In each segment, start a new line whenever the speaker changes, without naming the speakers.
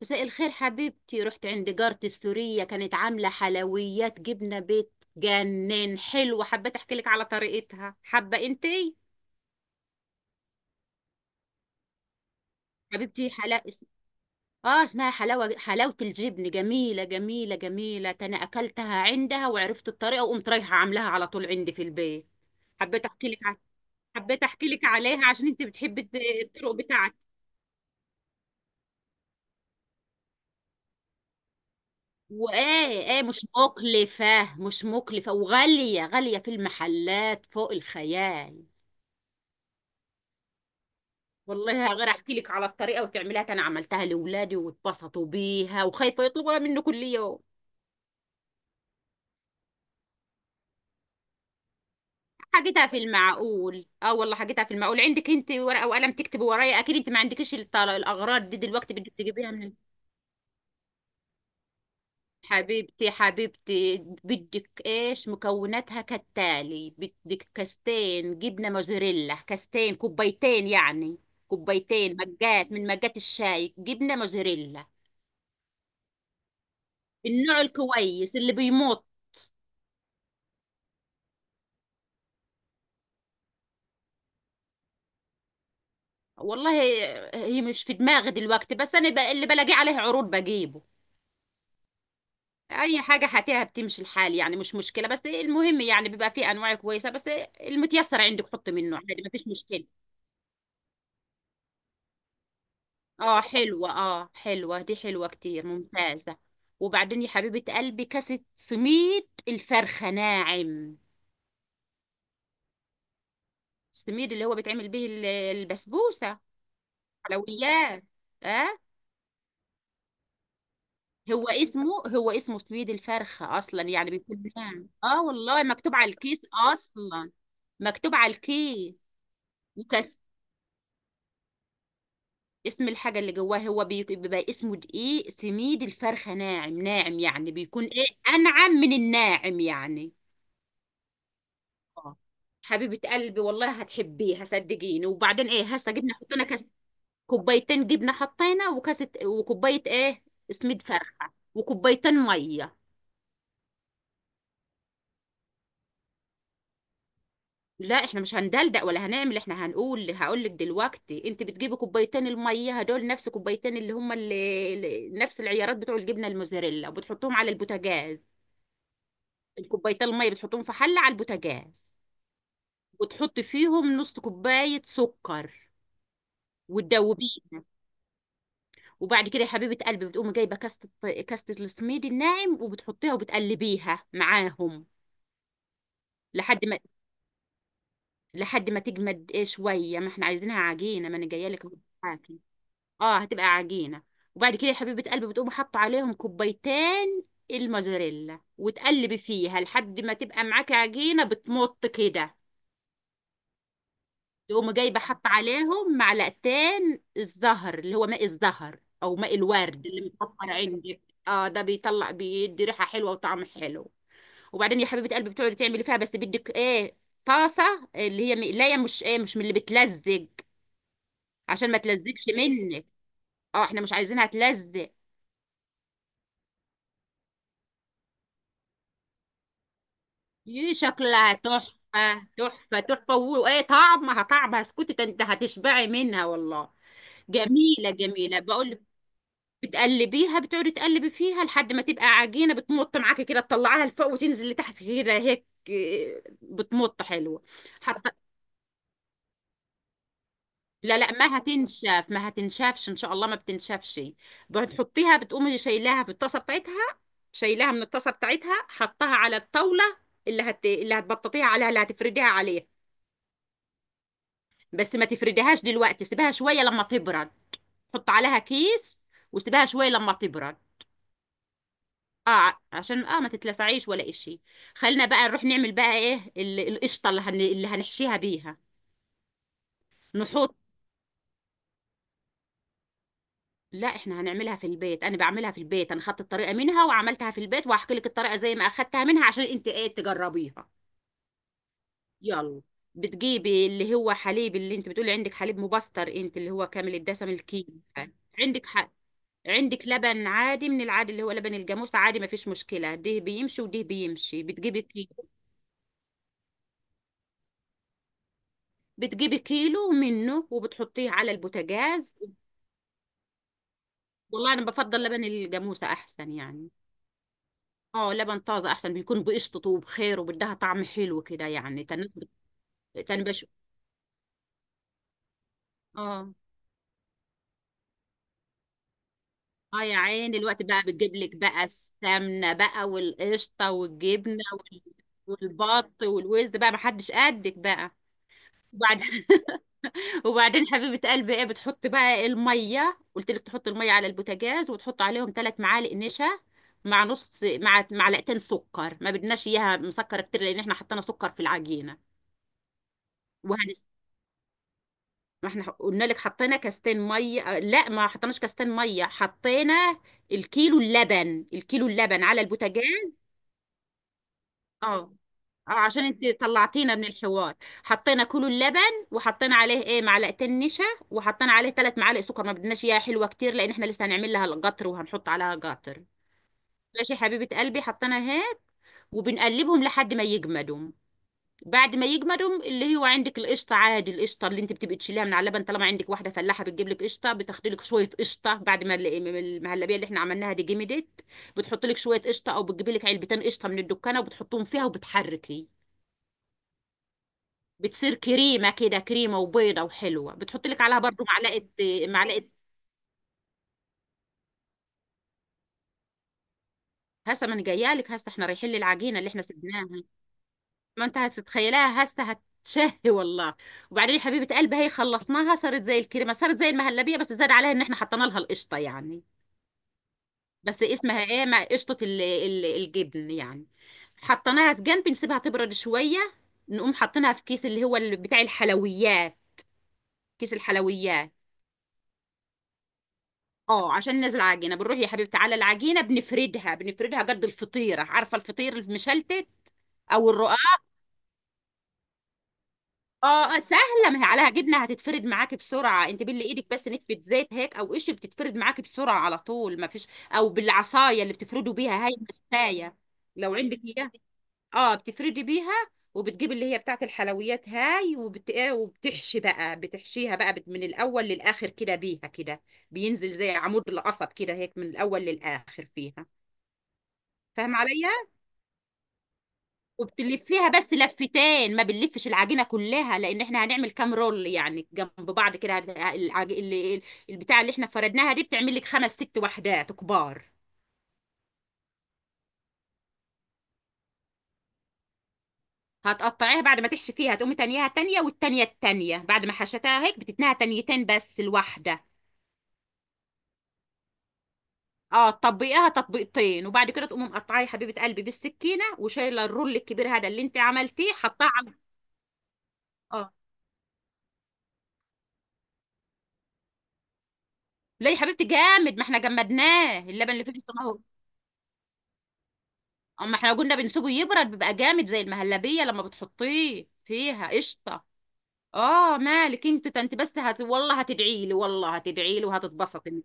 مساء الخير حبيبتي. رحت عند جارتي السورية، كانت عاملة حلويات جبنة بيت جنان حلوة. حبيت احكي لك على طريقتها، حابة انتي؟ حبيبتي، اه اسمها حلاوة، حلاوة الجبن جميلة جميلة جميلة. ده انا اكلتها عندها وعرفت الطريقة، وقمت رايحة عاملاها على طول عندي في البيت. حبيت احكي لك ع- حبيت احكي لك عليها عشان انت بتحبي الطرق بتاعتي. وايه ايه، مش مكلفة مش مكلفة، وغالية غالية في المحلات فوق الخيال. والله غير احكي لك على الطريقه وتعملها. انا عملتها لاولادي واتبسطوا بيها، وخايفه يطلبوها منه كل يوم. حاجتها في المعقول، اه والله حاجتها في المعقول. عندك انت ورقه وقلم تكتب ورايا؟ اكيد انت ما عندكيش الاغراض دي دلوقتي، بدك تجيبيها من. حبيبتي حبيبتي، بدك ايش؟ مكوناتها كالتالي: بدك كاستين جبنه موزاريلا، كاستين كوبايتين يعني، كوبايتين مجات من مجات الشاي جبنه موزاريلا. النوع الكويس اللي بيمط. والله هي مش في دماغي دلوقتي، بس اللي بلاقيه عليه عروض بجيبه. اي حاجه هاتيها بتمشي الحال، يعني مش مشكله، بس المهم يعني بيبقى فيه انواع كويسه، بس المتيسر عندك حطي منه عادي، ما فيش مشكله. اه حلوه، اه حلوه، دي حلوه كتير ممتازه. وبعدين يا حبيبه قلبي، كاسه سميد الفرخه ناعم. السميد اللي هو بيتعمل به البسبوسه. حلويات. اه، هو اسمه، هو اسمه سويد الفرخة أصلا، يعني بيكون ناعم. اه والله مكتوب على الكيس أصلا، مكتوب على الكيس وكاس. اسم الحاجة اللي جواه هو بيبقى اسمه دقيق سميد الفرخة ناعم. ناعم يعني بيكون ايه؟ أنعم من الناعم يعني. آه. حبيبة قلبي، والله هتحبيه صدقيني. وبعدين ايه، هسه جبنا حطينا كاس، كوبايتين جبنة حطينا، وكاسة وكوباية ايه، سميد فرخة، وكوبايتين مية. لا احنا مش هندلدق ولا هنعمل، احنا هنقول، هقول لك دلوقتي. انت بتجيبي كوبايتين الميه هدول، نفس كوبايتين اللي هم نفس العيارات بتوع الجبنه الموزاريلا، وبتحطهم على البوتاجاز. الكوبايتين الميه بتحطهم في حله على البوتاجاز، وتحطي فيهم نص كوبايه سكر وتدوبيها. وبعد كده يا حبيبه قلبي بتقومي جايبه كاسه، كاسه السميد الناعم، وبتحطيها وبتقلبيها معاهم. لحد ما لحد ما تجمد ايه شويه. ما احنا عايزينها عجينه، ما انا جايه لك أهو معاكي. اه هتبقى عجينة. وبعد كده يا حبيبة قلبي بتقوم حاطة عليهم كوبايتين الموزاريلا، وتقلبي فيها لحد ما تبقى معاكي عجينة بتمط كده. تقوم جايبة حاطة عليهم معلقتين الزهر، اللي هو ماء الزهر أو ماء الورد اللي متوفر عندك. اه ده بيطلع بيدي ريحة حلوة وطعم حلو. وبعدين يا حبيبة قلبي بتقعدي تعملي فيها، بس بدك ايه، طاسة اللي هي مقلاية، مش ايه، مش من اللي بتلزق، عشان ما تلزقش منك، اه احنا مش عايزينها تلزق. ايه شكلها تحفة تحفة تحفة، وايه طعمها، طعمها اسكتي، ده انت هتشبعي منها والله. جميلة جميلة بقول لك. بتقلبيها، بتقعدي تقلبي فيها لحد ما تبقى عجينة بتمط معاكي كده، تطلعيها لفوق وتنزل لتحت كده هيك إيه، بتمط حلوة. حتى لا لا، ما هتنشف، ما هتنشفش ان شاء الله، ما بتنشفش. بتحطيها، بتقومي شايلاها في الطاسة بتاعتها، شايلاها من الطاسة بتاعتها، حطها على الطاولة اللي هتبططيها عليها، اللي هتفرديها عليها. بس ما تفرديهاش دلوقتي، سيبها شوية لما تبرد. حط عليها كيس وسيبها شوية لما تبرد. اه عشان اه ما تتلسعيش ولا اشي. خلينا بقى نروح نعمل بقى ايه، القشطة اللي هنحشيها بيها. نحط، لا احنا هنعملها في البيت، انا بعملها في البيت، انا خدت الطريقة منها وعملتها في البيت، وهحكي لك الطريقة زي ما اخدتها منها عشان انت ايه تجربيها. يلا. بتجيبي اللي هو حليب، اللي انت بتقولي عندك حليب مبستر انت، اللي هو كامل الدسم الكيلو. عندك حق. عندك لبن عادي من العادي، اللي هو لبن الجاموسة عادي، ما فيش مشكلة، ده بيمشي وده بيمشي، بتجيبي كيلو. بتجيبي كيلو منه وبتحطيه على البوتاجاز. والله أنا بفضل لبن الجاموسة أحسن يعني. اه لبن طازة أحسن، بيكون بقشطته وبخير وبدها طعم حلو كده يعني. كان الناس بت- كان بش اه. اه يا عيني الوقت بقى، بتجيب لك بقى السمنة بقى والقشطة والجبنة والبط والوز بقى، محدش قدك بقى. وبعد وبعدين حبيبة قلبي ايه، بتحط بقى المية، قلت لك تحط المية على البوتاجاز، وتحط عليهم ثلاث معالق نشا، مع نص، مع معلقتين سكر، ما بدناش اياها مسكرة كتير لان احنا حطينا سكر في العجينة. وهنس ما احنا قلنا لك حطينا كاستين مية آه، لا ما حطيناش كاستين مية، حطينا الكيلو اللبن، الكيلو اللبن على البوتاجاز. اه. اه عشان انت طلعتينا من الحوار. حطينا كيلو اللبن، وحطينا عليه ايه معلقتين نشا، وحطينا عليه ثلاث معالق سكر، ما بدناش اياها حلوه كتير لان احنا لسه هنعمل لها القطر وهنحط عليها قطر. ماشي حبيبه قلبي، حطينا هيك وبنقلبهم لحد ما يجمدوا. بعد ما يجمدوا، اللي هو عندك القشطه عادي، القشطه اللي انت بتبقي تشيليها من على اللبن، طالما عندك واحده فلاحه بتجيب لك قشطه، بتاخدي لك شويه قشطه، بعد ما المهلبيه اللي احنا عملناها دي جمدت، بتحط لك شويه قشطه، او بتجيبي لك علبتين قشطه من الدكانه وبتحطهم فيها وبتحركي. بتصير كريمه كده، كريمه وبيضه وحلوه، بتحط لك عليها برضو معلقه. معلقه، هسه ما انا جايه لك. هسه احنا رايحين للعجينه اللي احنا سبناها. ما انت هتتخيلها، هسه هتشهي والله. وبعدين يا حبيبه قلبي، هي خلصناها صارت زي الكريمه، صارت زي المهلبيه، بس زاد عليها ان احنا حطينا لها القشطه يعني. بس اسمها ايه، مع قشطه الجبن يعني. حطيناها في جنب، نسيبها تبرد شويه. نقوم حاطينها في كيس، اللي هو اللي بتاع الحلويات، كيس الحلويات. اه عشان نازله عجينه، بنروح يا حبيبتي على العجينه، بنفردها، بنفردها قد الفطيره، عارفه الفطير المشلتت او الرقاق. اه آه، سهله، ما هي عليها جبنه هتتفرد معاكي بسرعه، انت باللي ايدك بس نتفه زيت هيك او قش، بتتفرد معاكي بسرعه على طول ما فيش. او بالعصايه اللي بتفردوا بيها هاي، المشفايه، لو عندك اياها. اه بتفردي بيها. وبتجيب اللي هي بتاعت الحلويات هاي، إيه، وبتحشي بقى، بتحشيها بقى من الاول للاخر كده بيها كده، بينزل زي عمود القصب كده هيك، من الاول للاخر فيها. فاهم عليا؟ وبتلفيها بس لفتين، ما بنلفش العجينه كلها، لان احنا هنعمل كام رول يعني جنب بعض كده. البتاع اللي احنا فردناها دي بتعمل لك خمس ست وحدات كبار. هتقطعيها بعد ما تحشي فيها، هتقومي تانيها تانية، والتانية التانية بعد ما حشتها هيك بتتنها تانيتين بس الواحدة. اه تطبقيها تطبيقتين، وبعد كده تقومي مقطعيه يا حبيبة قلبي بالسكينة، وشايلة الرول الكبير هذا اللي انت عملتيه حطاه على. اه لا يا حبيبتي جامد، ما احنا جمدناه اللبن اللي فيه. اما احنا لو قلنا بنسيبه يبرد، بيبقى جامد زي المهلبيه لما بتحطيه فيها قشطه. اه مالك انت، ده انت بس والله هتدعي لي، والله هتدعي لي وهتتبسطي.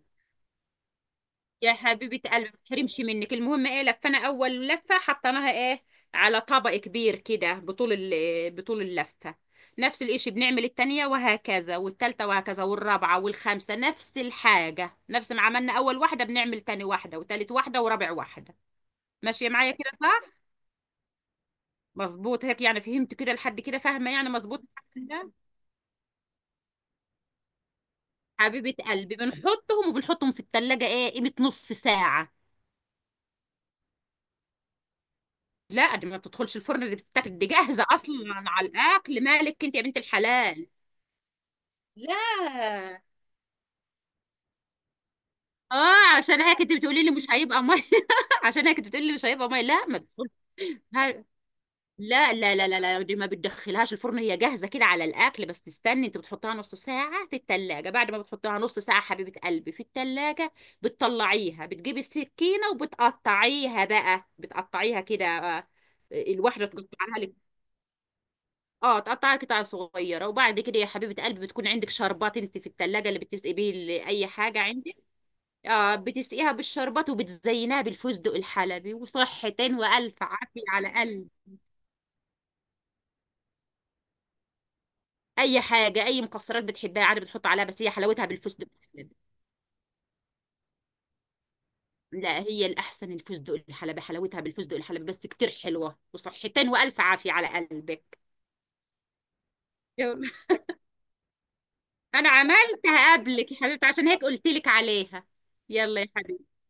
يا حبيبه قلبي ما تحرمش منك. المهم ايه، لفنا اول لفه، حطيناها ايه على طبق كبير كده، بطول اللفه. نفس الاشي بنعمل التانية، وهكذا والتالتة، وهكذا والرابعة والخامسة نفس الحاجة، نفس ما عملنا أول واحدة بنعمل تاني واحدة وتالت واحدة ورابع واحدة. ماشية معايا كده صح؟ مظبوط هيك يعني، فهمت كده لحد كده؟ فاهمه يعني، مظبوط لحد كده. حبيبه قلبي بنحطهم، وبنحطهم في التلاجة ايه قيمه نص ساعه. لا دي ما بتدخلش الفرن، دي بتتاكل دي جاهزه اصلا على الاكل، مالك انت يا بنت الحلال. لا. اه عشان هيك انت بتقولي لي مش هيبقى ميه. عشان هيك انت بتقولي لي مش هيبقى ميه، لا ما بتقول. لا لا لا لا لا، دي ما بتدخلهاش الفرن، هي جاهزة كده على الأكل، بس تستني. أنت بتحطها نص ساعة في التلاجة، بعد ما بتحطها نص ساعة حبيبة قلبي في التلاجة، بتطلعيها، بتجيبي السكينة وبتقطعيها بقى، بتقطعيها كده. آه، الواحدة تقطعها لك. اه تقطعها قطع صغيرة، وبعد كده يا حبيبة قلبي بتكون عندك شربات انت في التلاجة، اللي بتسقي بيه أي حاجة عندك. اه بتسقيها بالشربات، وبتزينها بالفستق الحلبي، وصحتين وألف عافية على قلبك. اي حاجه، اي مكسرات بتحبها عادي بتحط عليها، بس هي حلاوتها بالفستق الحلبي. لا هي الاحسن الفستق الحلبي، حلاوتها بالفستق الحلبي، بس كتير حلوه، وصحتين والف عافيه على قلبك. يلا. انا عملتها قبلك يا حبيبتي عشان هيك قلت لك عليها. يلا يا حبيبتي.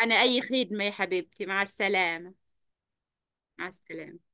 انا اي خدمه يا حبيبتي، مع السلامه. مع السلامه.